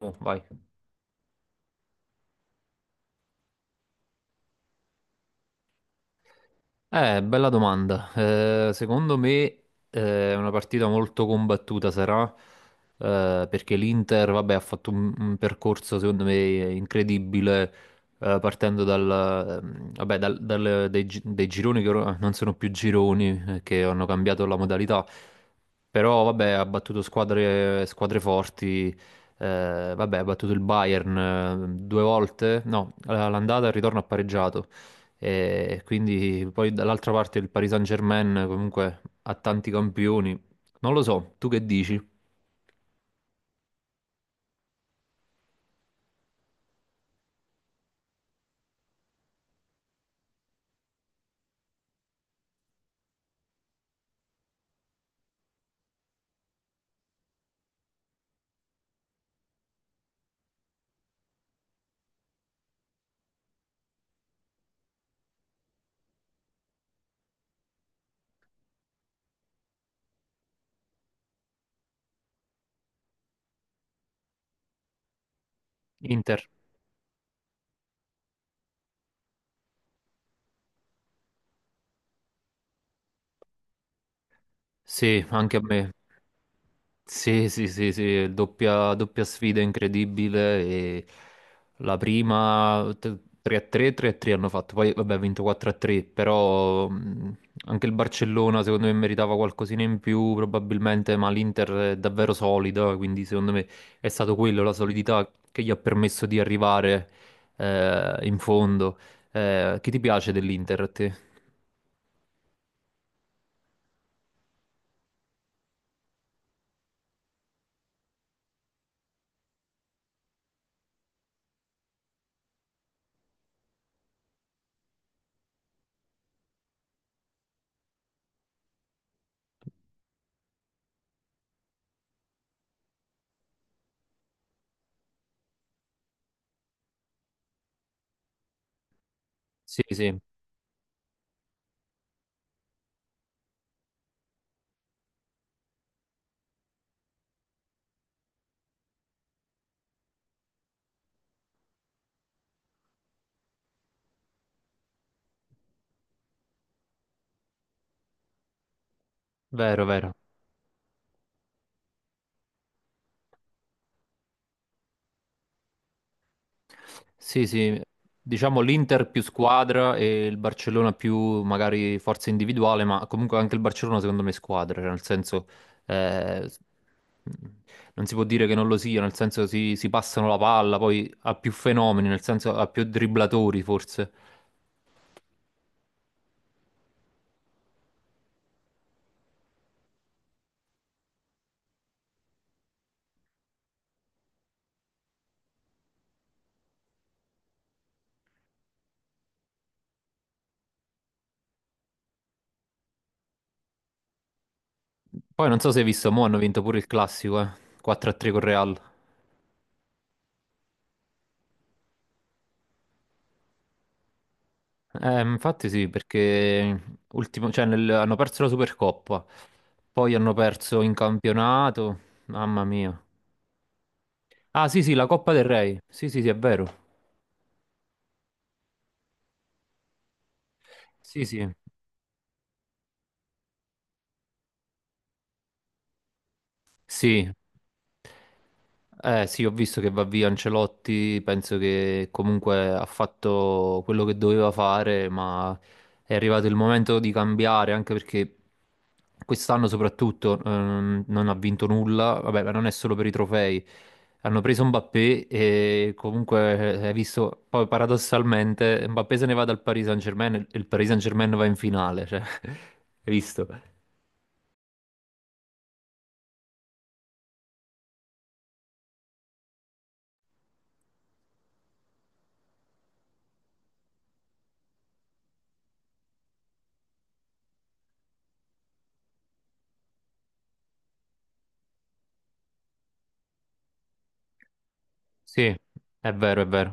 Oh, vai. Bella domanda. Secondo me è una partita molto combattuta sarà, perché l'Inter, vabbè, ha fatto un percorso secondo me incredibile, partendo dal, vabbè, dai, dai gironi che ora non sono più gironi, che hanno cambiato la modalità, però vabbè, ha battuto squadre forti, vabbè, ha battuto il Bayern due volte, no, all'andata e al ritorno ha pareggiato. E quindi poi dall'altra parte il Paris Saint-Germain comunque ha tanti campioni. Non lo so, tu che dici? Inter? Sì, anche a me. Sì, sì, sì, sì, doppia sfida incredibile. E la 3-3, 3-3 hanno fatto, poi vabbè, ha vinto 4-3, però anche il Barcellona secondo me meritava qualcosina in più probabilmente, ma l'Inter è davvero solida, quindi secondo me è stato quello, la solidità che gli ha permesso di arrivare in fondo. Che ti piace dell'Inter a te? Sì, sì, vero, vero. Sì, sì, diciamo l'Inter più squadra e il Barcellona più magari forza individuale, ma comunque anche il Barcellona secondo me è squadra, cioè nel senso eh, s- non si può dire che non lo sia, nel senso si passano la palla, poi ha più fenomeni, nel senso ha più dribblatori forse. Poi non so se hai visto, mo hanno vinto pure il classico, 4-3 con Real. Infatti sì, perché cioè, hanno perso la Supercoppa, poi hanno perso in campionato, mamma mia. Ah, sì, sì, la Coppa del Re. Sì, sì, sì, è vero. Sì, sì. Sì. Sì, ho visto che va via Ancelotti, penso che comunque ha fatto quello che doveva fare, ma è arrivato il momento di cambiare, anche perché quest'anno soprattutto non ha vinto nulla, vabbè, ma non è solo per i trofei. Hanno preso Mbappé e comunque hai visto, poi paradossalmente Mbappé se ne va dal Paris Saint-Germain e il Paris Saint-Germain va in finale, cioè, hai visto? Sì, è vero, è vero.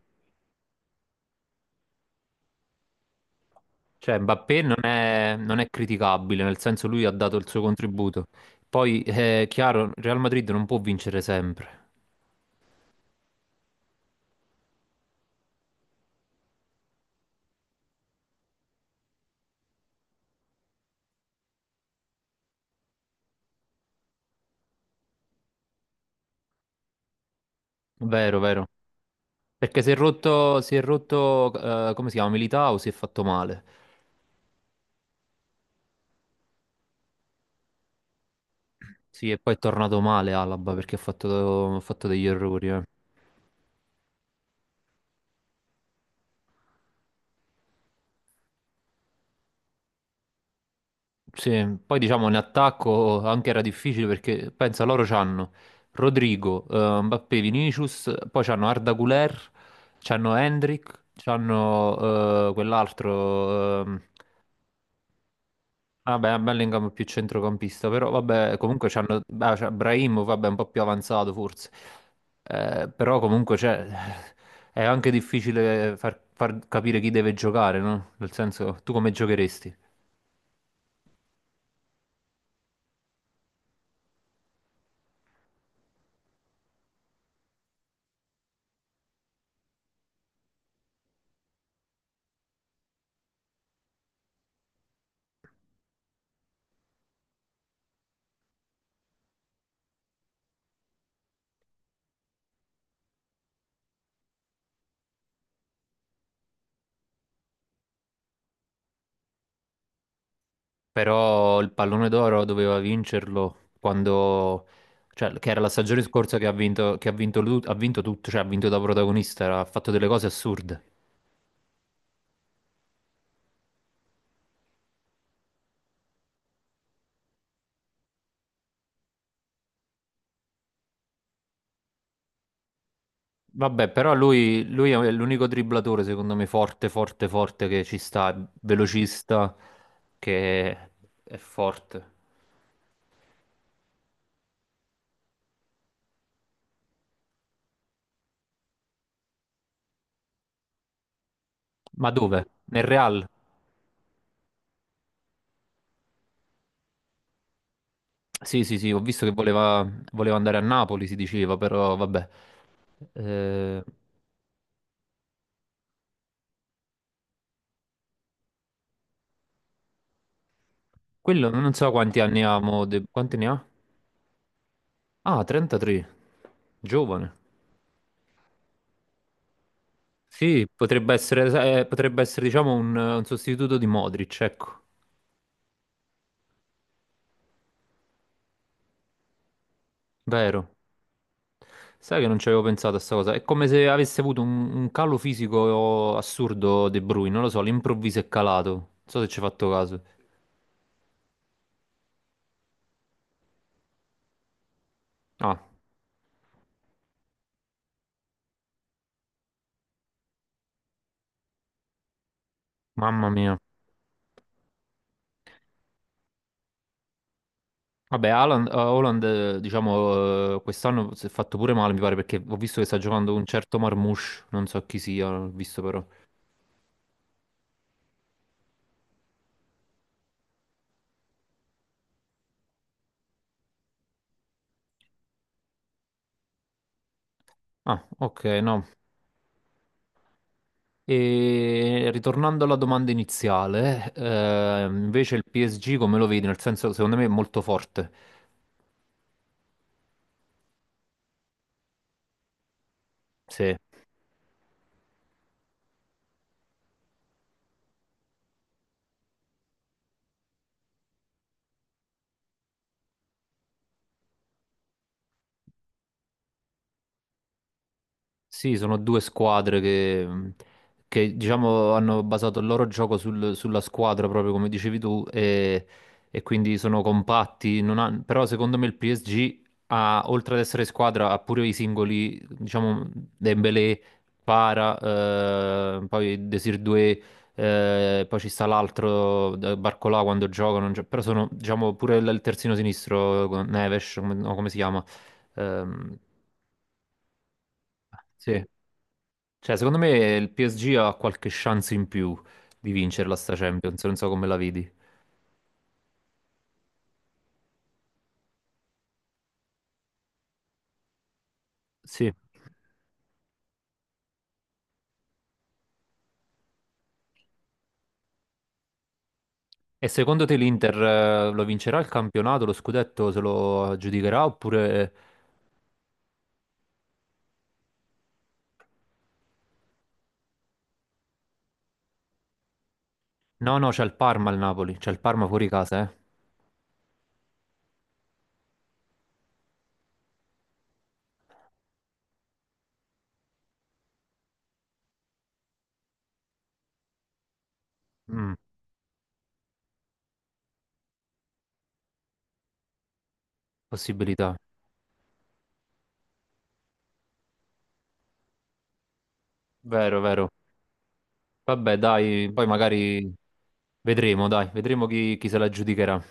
Cioè, Mbappé non è, non è criticabile, nel senso lui ha dato il suo contributo. Poi, è chiaro, Real Madrid non può vincere sempre. Vero, vero. Perché si è rotto, come si chiama, Militao, si è fatto male. Sì, e poi è tornato male Alaba perché ha fatto degli errori. Sì, poi diciamo in attacco anche era difficile perché pensa loro c'hanno Rodrigo, Mbappé, Vinicius, poi c'hanno Arda Güler, c'hanno Hendrik, c'hanno quell'altro, vabbè Bellingham è più centrocampista, però vabbè comunque c'hanno c'è Brahim, vabbè un po' più avanzato forse. Però comunque c'è, è anche difficile far capire chi deve giocare, no? Nel senso tu come giocheresti? Però il pallone d'oro doveva vincerlo quando, cioè, che era la stagione scorsa che ha vinto, ha vinto tutto, cioè ha vinto da protagonista, ha fatto delle cose assurde. Vabbè, però lui è l'unico dribblatore, secondo me, forte che ci sta, è velocista, che è forte. Ma dove? Nel Real? Sì, sì, sì, ho visto che voleva, voleva andare a Napoli, si diceva, però vabbè. Eh, Quello non so quanti anni ha, mo, quanti ne ha? Ah, 33, giovane. Sì, potrebbe essere, diciamo, un sostituto di Modric, ecco, vero. Sai che non ci avevo pensato a sta cosa. È come se avesse avuto un calo fisico assurdo De Bruyne, non lo so, all'improvviso è calato. Non so se ci hai fatto caso. Ah, mamma mia. Vabbè, Haaland, diciamo, quest'anno si è fatto pure male, mi pare, perché ho visto che sta giocando un certo Marmoush, non so chi sia, ho visto però. Ah, ok, no. E ritornando alla domanda iniziale, invece il PSG come lo vedi? Nel senso, secondo me è molto forte. Sì. Sì, sono due squadre che, che, diciamo, hanno basato il loro gioco sulla squadra, proprio come dicevi tu, e quindi sono compatti. Non han- Però secondo me il PSG ha, oltre ad essere squadra, ha pure i singoli, diciamo, Dembélé, Para, poi Desir Doué, poi ci sta l'altro, Barcolà quando gioca, non gio- però sono, diciamo, pure il terzino sinistro, Neves, come, no, come si chiama? Ehm, sì. Cioè, secondo me il PSG ha qualche chance in più di vincerla sta Champions, non so come la vedi. Sì. E secondo te l'Inter lo vincerà il campionato, lo scudetto se lo aggiudicherà oppure... No, no, c'è il Parma al Napoli, c'è il Parma fuori casa, eh? Mm, possibilità. Vero, vero. Vabbè, dai, poi magari vedremo, dai, vedremo chi, chi se la aggiudicherà.